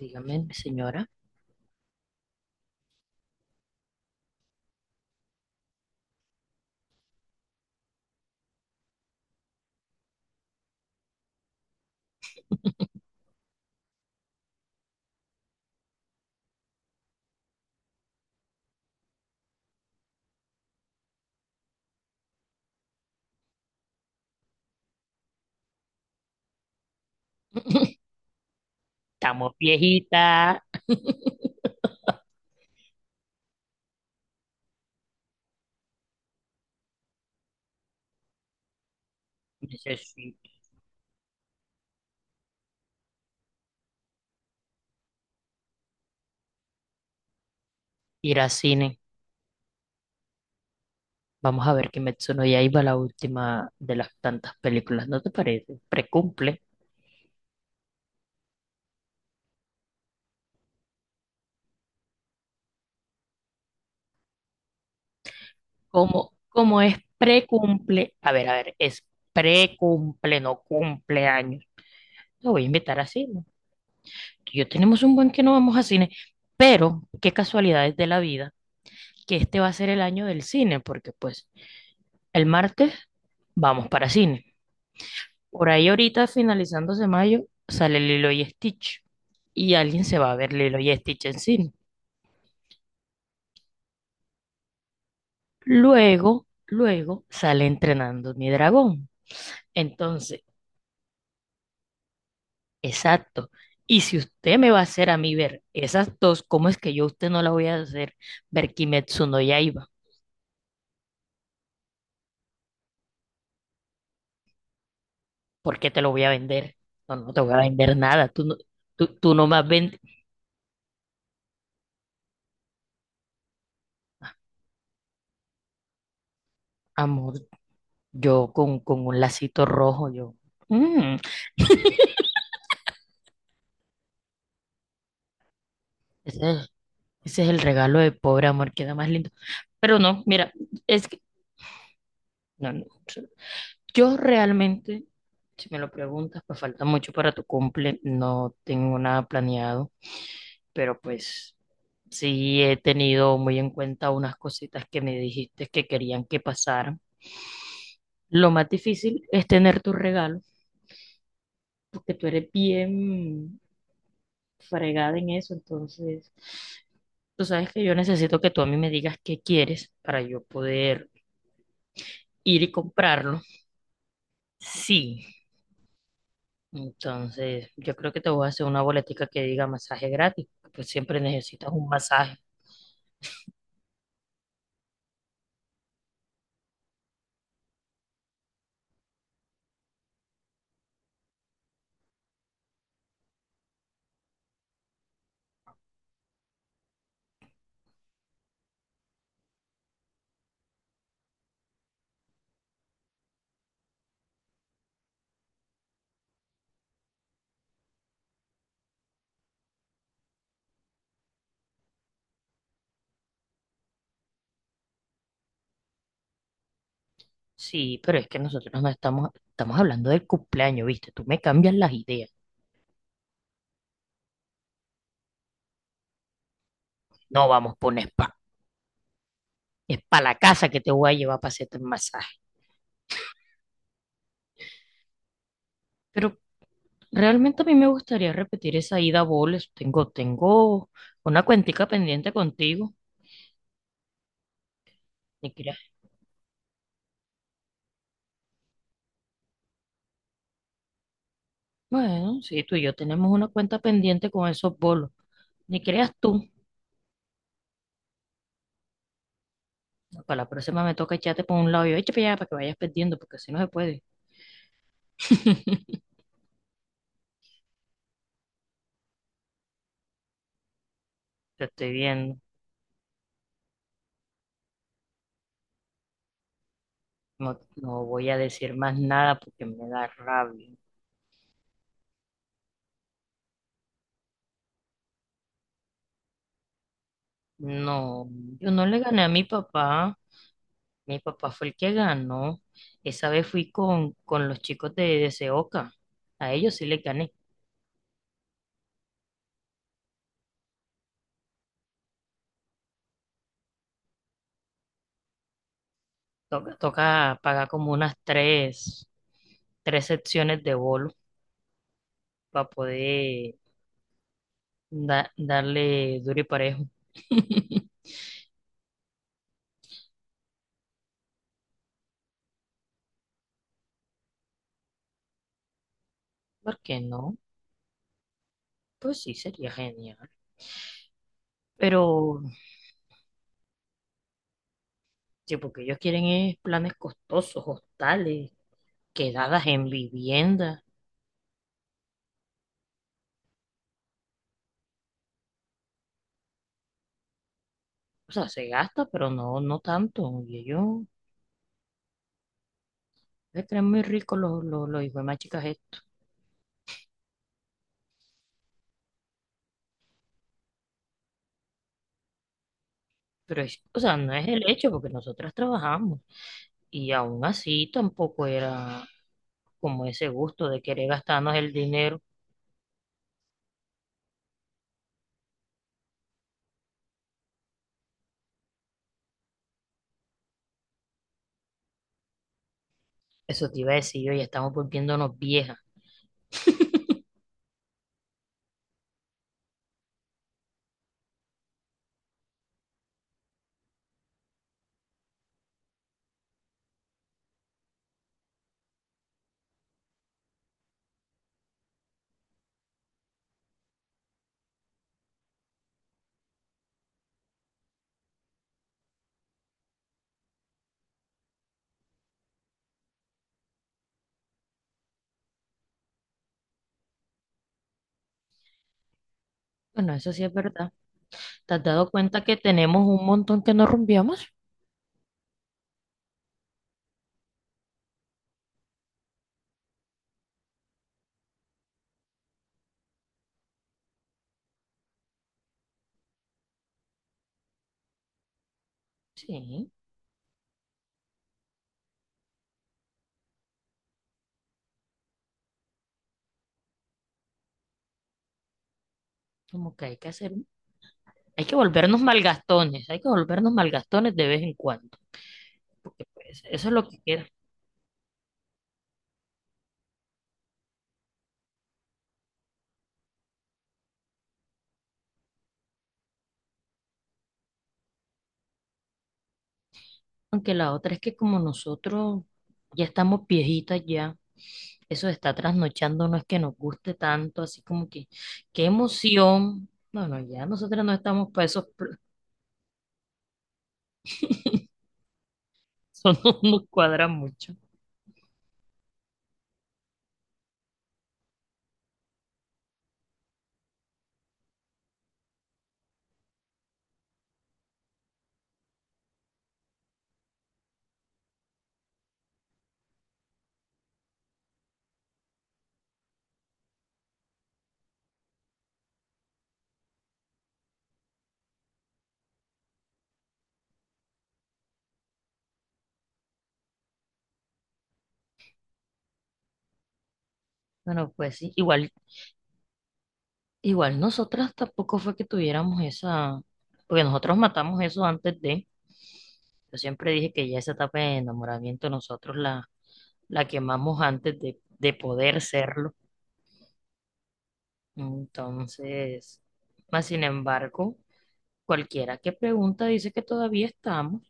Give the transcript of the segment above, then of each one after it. Dígame, señora. Estamos viejitas, necesito ir al cine. Vamos a ver Kimetsu no Yaiba, la última de las tantas películas, ¿no te parece? Precumple. ¿Cómo es precumple. A ver, es precumple, no cumpleaños. Lo voy a invitar a cine. Tú y yo tenemos un buen que no vamos a cine, pero qué casualidades de la vida que este va a ser el año del cine, porque pues el martes vamos para cine. Por ahí ahorita, finalizándose mayo, sale Lilo y Stitch. Y alguien se va a ver Lilo y Stitch en cine. Luego, luego sale entrenando mi dragón. Entonces, exacto. Y si usted me va a hacer a mí ver esas dos, ¿cómo es que yo a usted no la voy a hacer ver Kimetsu no Yaiba? ¿Por qué te lo voy a vender? No, no te voy a vender nada. Tú no, tú no más vendes. Amor, yo con un lacito rojo, yo. mm, Ese es el regalo de pobre amor, queda más lindo. Pero no, mira, es que, no, no. Yo realmente, si me lo preguntas, pues falta mucho para tu cumple, no tengo nada planeado, pero pues sí he tenido muy en cuenta unas cositas que me dijiste que querían que pasaran. Lo más difícil es tener tu regalo, porque tú eres bien fregada en eso, entonces tú sabes que yo necesito que tú a mí me digas qué quieres para yo poder ir y comprarlo. Sí, entonces yo creo que te voy a hacer una boletica que diga masaje gratis, pues siempre necesitas un masaje. Sí, pero es que nosotros no estamos, estamos hablando del cumpleaños, ¿viste? Tú me cambias las ideas. No vamos por un spa, es para la casa que te voy a llevar para hacerte el masaje. Pero realmente a mí me gustaría repetir esa ida a boles. Tengo una cuentica pendiente contigo. Ni creas. Bueno, sí, tú y yo tenemos una cuenta pendiente con esos bolos. Ni creas tú. Para la próxima me toca echarte por un lado y yo, échate para allá para que vayas perdiendo, porque si no se puede. Te estoy viendo. No, no voy a decir más nada porque me da rabia. No, yo no le gané a mi papá. Mi papá fue el que ganó. Esa vez fui con los chicos de Seoca. A ellos sí le gané. Toca, toca pagar como unas tres, tres secciones de bolo para poder darle duro y parejo. ¿Por qué no? Pues sí, sería genial. Pero sí, porque ellos quieren es planes costosos, hostales, quedadas en vivienda. O sea, se gasta, pero no, no tanto. Y ellos se creen muy ricos los hijos de más chicas estos. Pero es, o sea, no es el hecho, porque nosotras trabajamos. Y aún así tampoco era como ese gusto de querer gastarnos el dinero. Eso te iba a decir yo, ya estamos volviéndonos viejas. Bueno, eso sí es verdad. ¿Te has dado cuenta que tenemos un montón que no rumbiamos? Sí, como que hay que hacer. Hay que volvernos malgastones, hay que volvernos malgastones de vez en cuando, porque pues eso es lo que queda. Aunque la otra es que como nosotros ya estamos viejitas ya, eso de estar trasnochando no es que nos guste tanto, así como que, qué emoción. No, no, ya nosotros no estamos para esos, pl- eso no nos cuadra mucho. Bueno, pues sí, igual, igual nosotras tampoco fue que tuviéramos esa, porque nosotros matamos eso antes de... Yo siempre dije que ya esa etapa de enamoramiento nosotros la quemamos antes de poder serlo. Entonces, más sin embargo, cualquiera que pregunta dice que todavía estamos.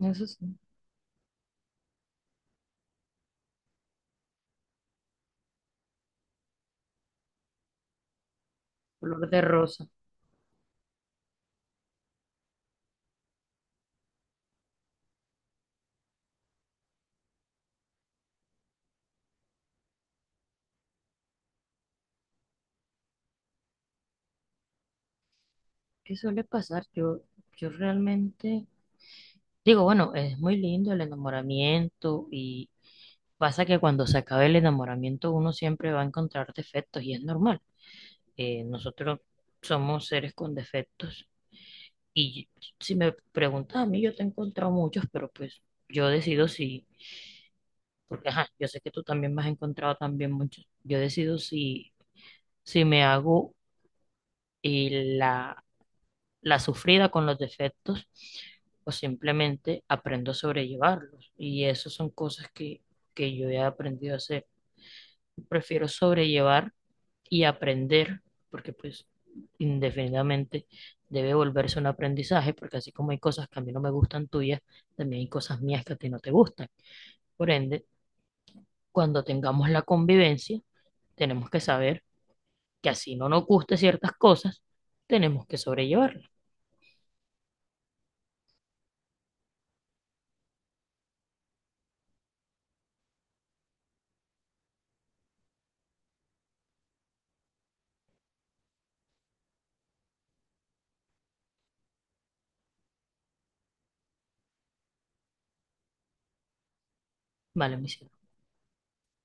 Eso sí, color de rosa. ¿Qué suele pasar? Yo realmente digo, bueno, es muy lindo el enamoramiento y pasa que cuando se acabe el enamoramiento uno siempre va a encontrar defectos y es normal. Nosotros somos seres con defectos y si me preguntas a mí, yo te he encontrado muchos, pero pues yo decido si. Porque, ajá, yo sé que tú también me has encontrado también muchos. Yo decido si, si me hago eh, la, la sufrida con los defectos o simplemente aprendo a sobrellevarlos. Y eso son cosas que yo he aprendido a hacer. Prefiero sobrellevar y aprender, porque pues indefinidamente debe volverse un aprendizaje, porque así como hay cosas que a mí no me gustan tuyas, también hay cosas mías que a ti no te gustan. Por ende, cuando tengamos la convivencia, tenemos que saber que así no nos guste ciertas cosas, tenemos que sobrellevarlas. Vale, mis